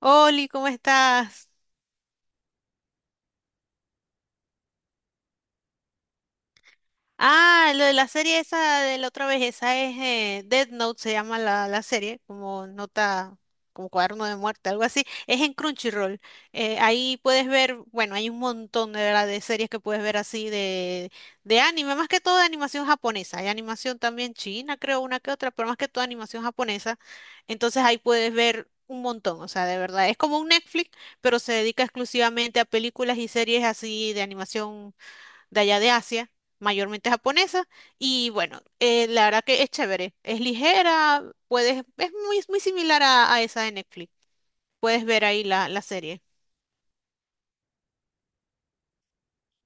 Oli, ¿cómo estás? Ah, lo de la serie esa de la otra vez, esa es Death Note, se llama la serie, como nota, como cuaderno de muerte, algo así. Es en Crunchyroll. Ahí puedes ver, bueno, hay un montón de verdad de series que puedes ver así de anime, más que todo de animación japonesa. Hay animación también china, creo, una que otra, pero más que todo animación japonesa. Entonces ahí puedes ver un montón, o sea, de verdad. Es como un Netflix, pero se dedica exclusivamente a películas y series así de animación de allá de Asia, mayormente japonesa, y bueno, la verdad que es chévere, es ligera, puedes, es muy, muy similar a esa de Netflix, puedes ver ahí la serie.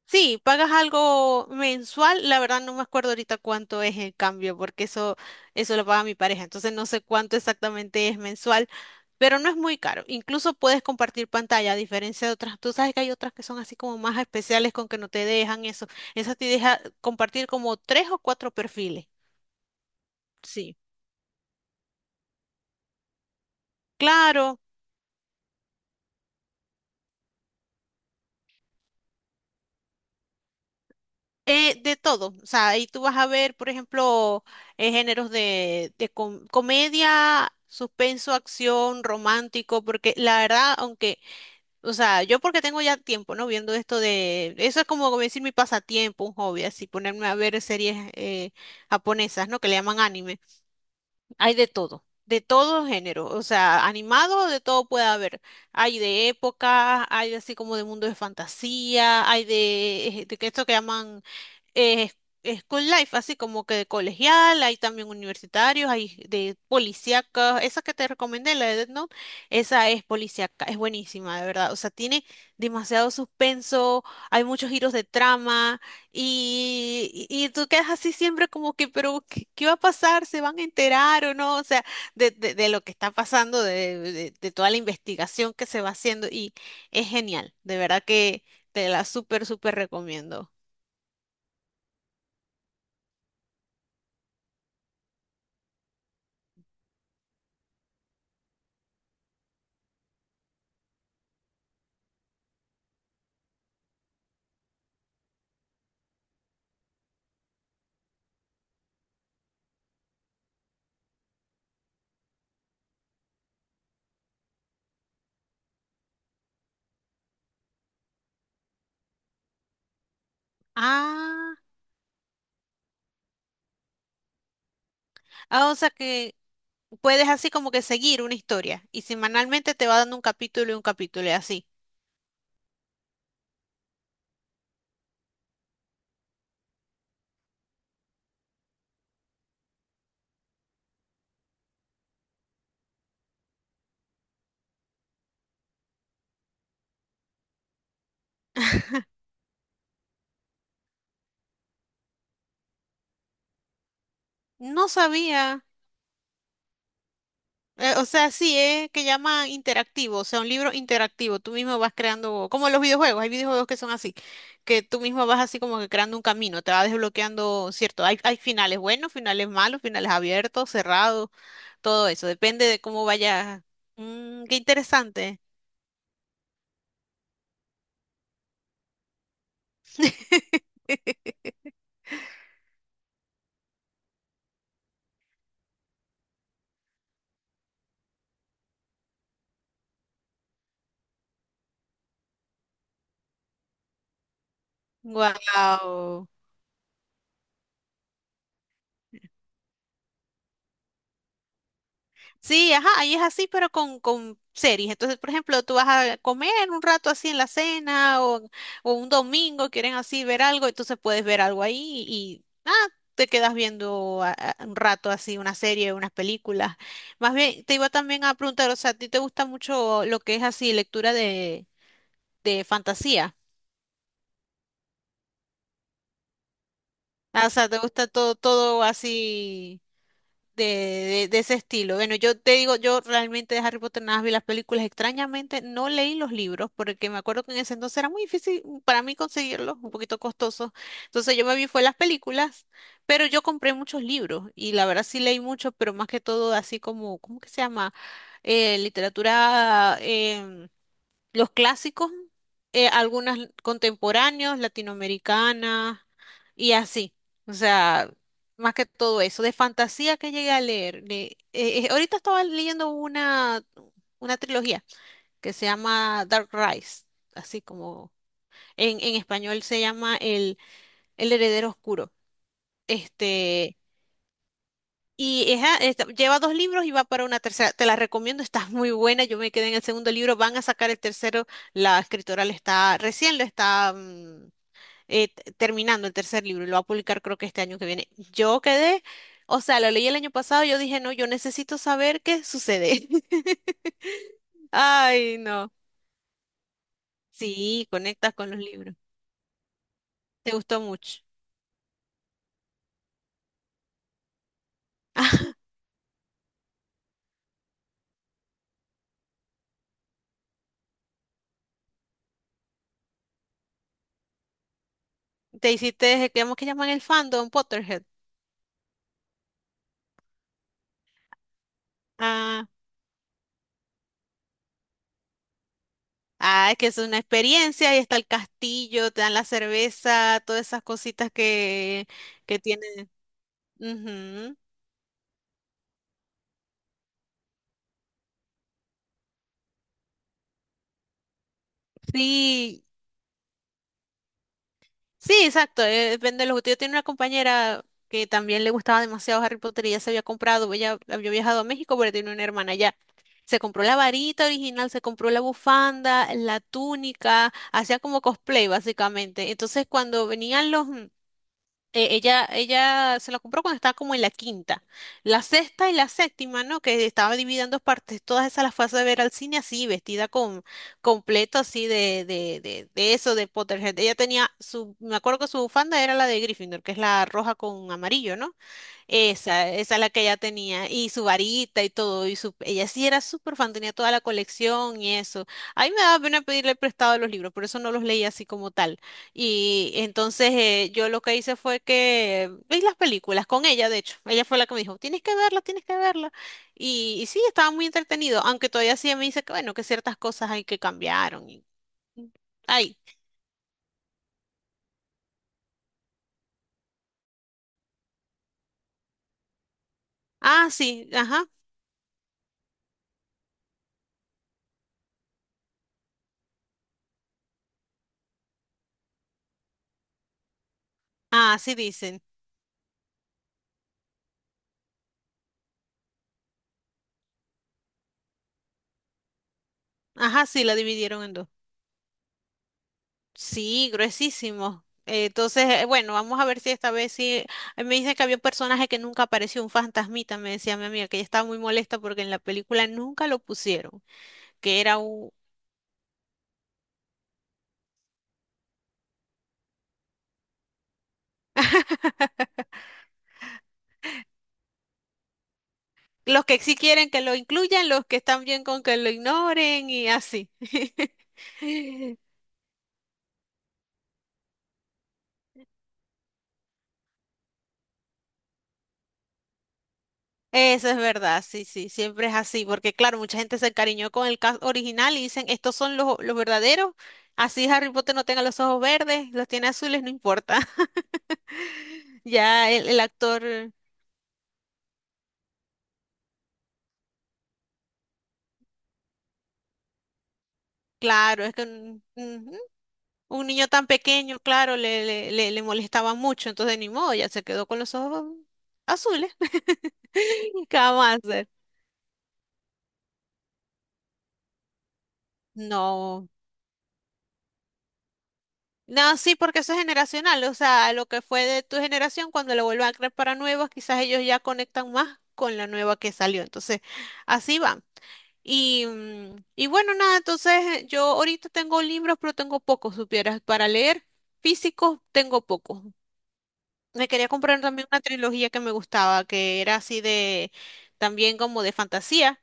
Sí, pagas algo mensual, la verdad no me acuerdo ahorita cuánto es el cambio, porque eso lo paga mi pareja, entonces no sé cuánto exactamente es mensual, pero no es muy caro. Incluso puedes compartir pantalla, a diferencia de otras, tú sabes que hay otras que son así como más especiales con que no te dejan eso. Esa te deja compartir como tres o cuatro perfiles. Sí, claro, de todo. O sea, ahí tú vas a ver, por ejemplo, géneros de comedia, suspenso, acción, romántico, porque la verdad, aunque, o sea, yo porque tengo ya tiempo, ¿no? Viendo esto de, eso es como como decir mi pasatiempo, un hobby, así ponerme a ver series japonesas, ¿no? Que le llaman anime. Hay de todo género, o sea, animado de todo puede haber. Hay de época, hay así como de mundo de fantasía, hay de que esto que llaman eh, school life, así como que de colegial, hay también universitarios, hay de policíaca, esa que te recomendé, la de Death Note, esa es policíaca, es buenísima, de verdad, o sea, tiene demasiado suspenso, hay muchos giros de trama y tú quedas así siempre como que, pero, ¿qué va a pasar? ¿Se van a enterar o no? O sea, de lo que está pasando, de toda la investigación que se va haciendo y es genial, de verdad que te la súper, súper recomiendo. Ah, ah, o sea que puedes así como que seguir una historia y semanalmente te va dando un capítulo y así. No sabía. O sea, sí, es que llama interactivo, o sea, un libro interactivo. Tú mismo vas creando, como los videojuegos, hay videojuegos que son así, que tú mismo vas así como que creando un camino, te va desbloqueando, cierto, hay finales buenos, finales malos, finales abiertos, cerrados, todo eso, depende de cómo vayas. Mm, qué interesante. Wow. Sí, ajá, ahí es así, pero con series. Entonces, por ejemplo, tú vas a comer un rato así en la cena o un domingo, quieren así ver algo, entonces puedes ver algo ahí y, ah, te quedas viendo un rato así una serie, unas películas. Más bien, te iba también a preguntar, o sea, ¿a ti te gusta mucho lo que es así lectura de fantasía? Ah, o sea, ¿te gusta todo, todo así? De ese estilo. Bueno, yo te digo, yo realmente de Harry Potter nada más vi las películas. Extrañamente no leí los libros porque me acuerdo que en ese entonces era muy difícil para mí conseguirlos, un poquito costoso. Entonces yo me vi fue las películas, pero yo compré muchos libros y la verdad sí leí mucho, pero más que todo así como, ¿cómo que se llama? Literatura, los clásicos, algunas contemporáneos, latinoamericanas y así. O sea, más que todo eso, de fantasía que llegué a leer. Ahorita estaba leyendo una trilogía que se llama Dark Rise, así como en español se llama El Heredero Oscuro. Este, y ella, lleva dos libros y va para una tercera. Te la recomiendo, está muy buena. Yo me quedé en el segundo libro, van a sacar el tercero. La escritora le está, recién lo está terminando el tercer libro y lo va a publicar creo que este año que viene. Yo quedé, o sea, lo leí el año pasado, yo dije, no, yo necesito saber qué sucede. Ay, no. Sí, conectas con los libros. Te gustó mucho. Te hiciste, digamos que llaman el fandom, Potterhead. Ah, ah, es que es una experiencia, ahí está el castillo, te dan la cerveza, todas esas cositas que tienen. Ujú. Sí, sí, exacto, depende de los gustos. Yo tenía una compañera que también le gustaba demasiado Harry Potter y ya se había comprado, ella había viajado a México, pero tiene una hermana allá. Se compró la varita original, se compró la bufanda, la túnica, hacía como cosplay básicamente. Entonces cuando venían los, ella se la compró cuando estaba como en la quinta. La sexta y la séptima, ¿no? Que estaba dividida en dos partes. Todas esas las fue a ver al cine así, vestida con completo así de eso, de Potterhead. Ella tenía su, me acuerdo que su bufanda era la de Gryffindor, que es la roja con amarillo, ¿no? Esa es la que ella tenía, y su varita y todo, y su, ella sí era súper fan, tenía toda la colección y eso. A mí me daba pena pedirle prestado los libros, por eso no los leía así como tal. Y entonces yo lo que hice fue que vi las películas con ella, de hecho, ella fue la que me dijo, tienes que verla, tienes que verla. Y sí, estaba muy entretenido, aunque todavía sí me dice que bueno, que ciertas cosas hay que cambiaron. Y, ay, ah, sí, ajá, ah, sí dicen, ajá, sí, la dividieron en dos. Sí, gruesísimo. Entonces, bueno, vamos a ver si esta vez sí. Me dicen que había un personaje que nunca apareció, un fantasmita, me decía mi amiga, que ella estaba muy molesta porque en la película nunca lo pusieron, que era un... Los que sí quieren que lo incluyan, los que están bien con que lo ignoren y así. Eso es verdad, sí, sí, siempre es así, porque claro, mucha gente se encariñó con el cast original y dicen, estos son los verdaderos, así Harry Potter no tenga los ojos verdes, los tiene azules, no importa. Ya el actor. Claro, es que un, ujú, un niño tan pequeño, claro, le molestaba mucho, entonces ni modo, ya se quedó con los ojos azules. ¿Qué vamos a hacer? No. No, sí, porque eso es generacional, o sea, lo que fue de tu generación, cuando lo vuelvan a crear para nuevos, quizás ellos ya conectan más con la nueva que salió, entonces así va. Y, mm, y bueno, nada, entonces yo ahorita tengo libros, pero tengo pocos, supieras, para leer físicos tengo pocos. Me quería comprar también una trilogía que me gustaba, que era así de, también como de fantasía.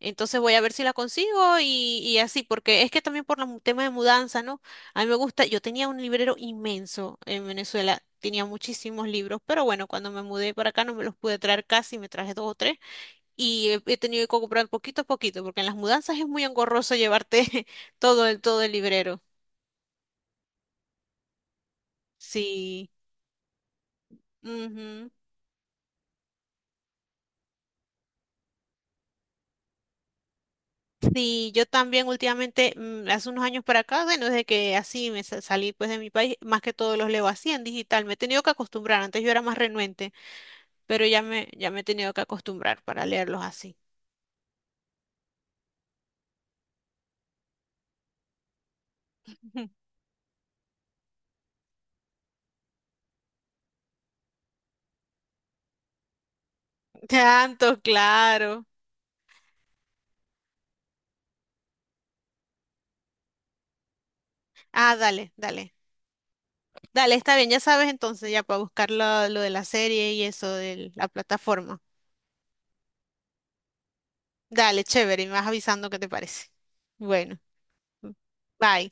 Entonces voy a ver si la consigo y así, porque es que también por los temas de mudanza, ¿no? A mí me gusta, yo tenía un librero inmenso en Venezuela, tenía muchísimos libros, pero bueno, cuando me mudé para acá no me los pude traer casi, me traje dos o tres y he, he tenido que comprar poquito a poquito, porque en las mudanzas es muy engorroso llevarte todo todo el librero. Sí. Sí, yo también últimamente, mm, hace unos años para acá, bueno, desde que así salí pues de mi país, más que todo los leo así en digital. Me he tenido que acostumbrar, antes yo era más renuente, pero ya ya me he tenido que acostumbrar para leerlos así. Tanto, claro. Ah, dale, dale. Dale, está bien, ya sabes entonces, ya para buscar lo de la serie y eso de la plataforma. Dale, chévere, y me vas avisando qué te parece. Bueno, bye.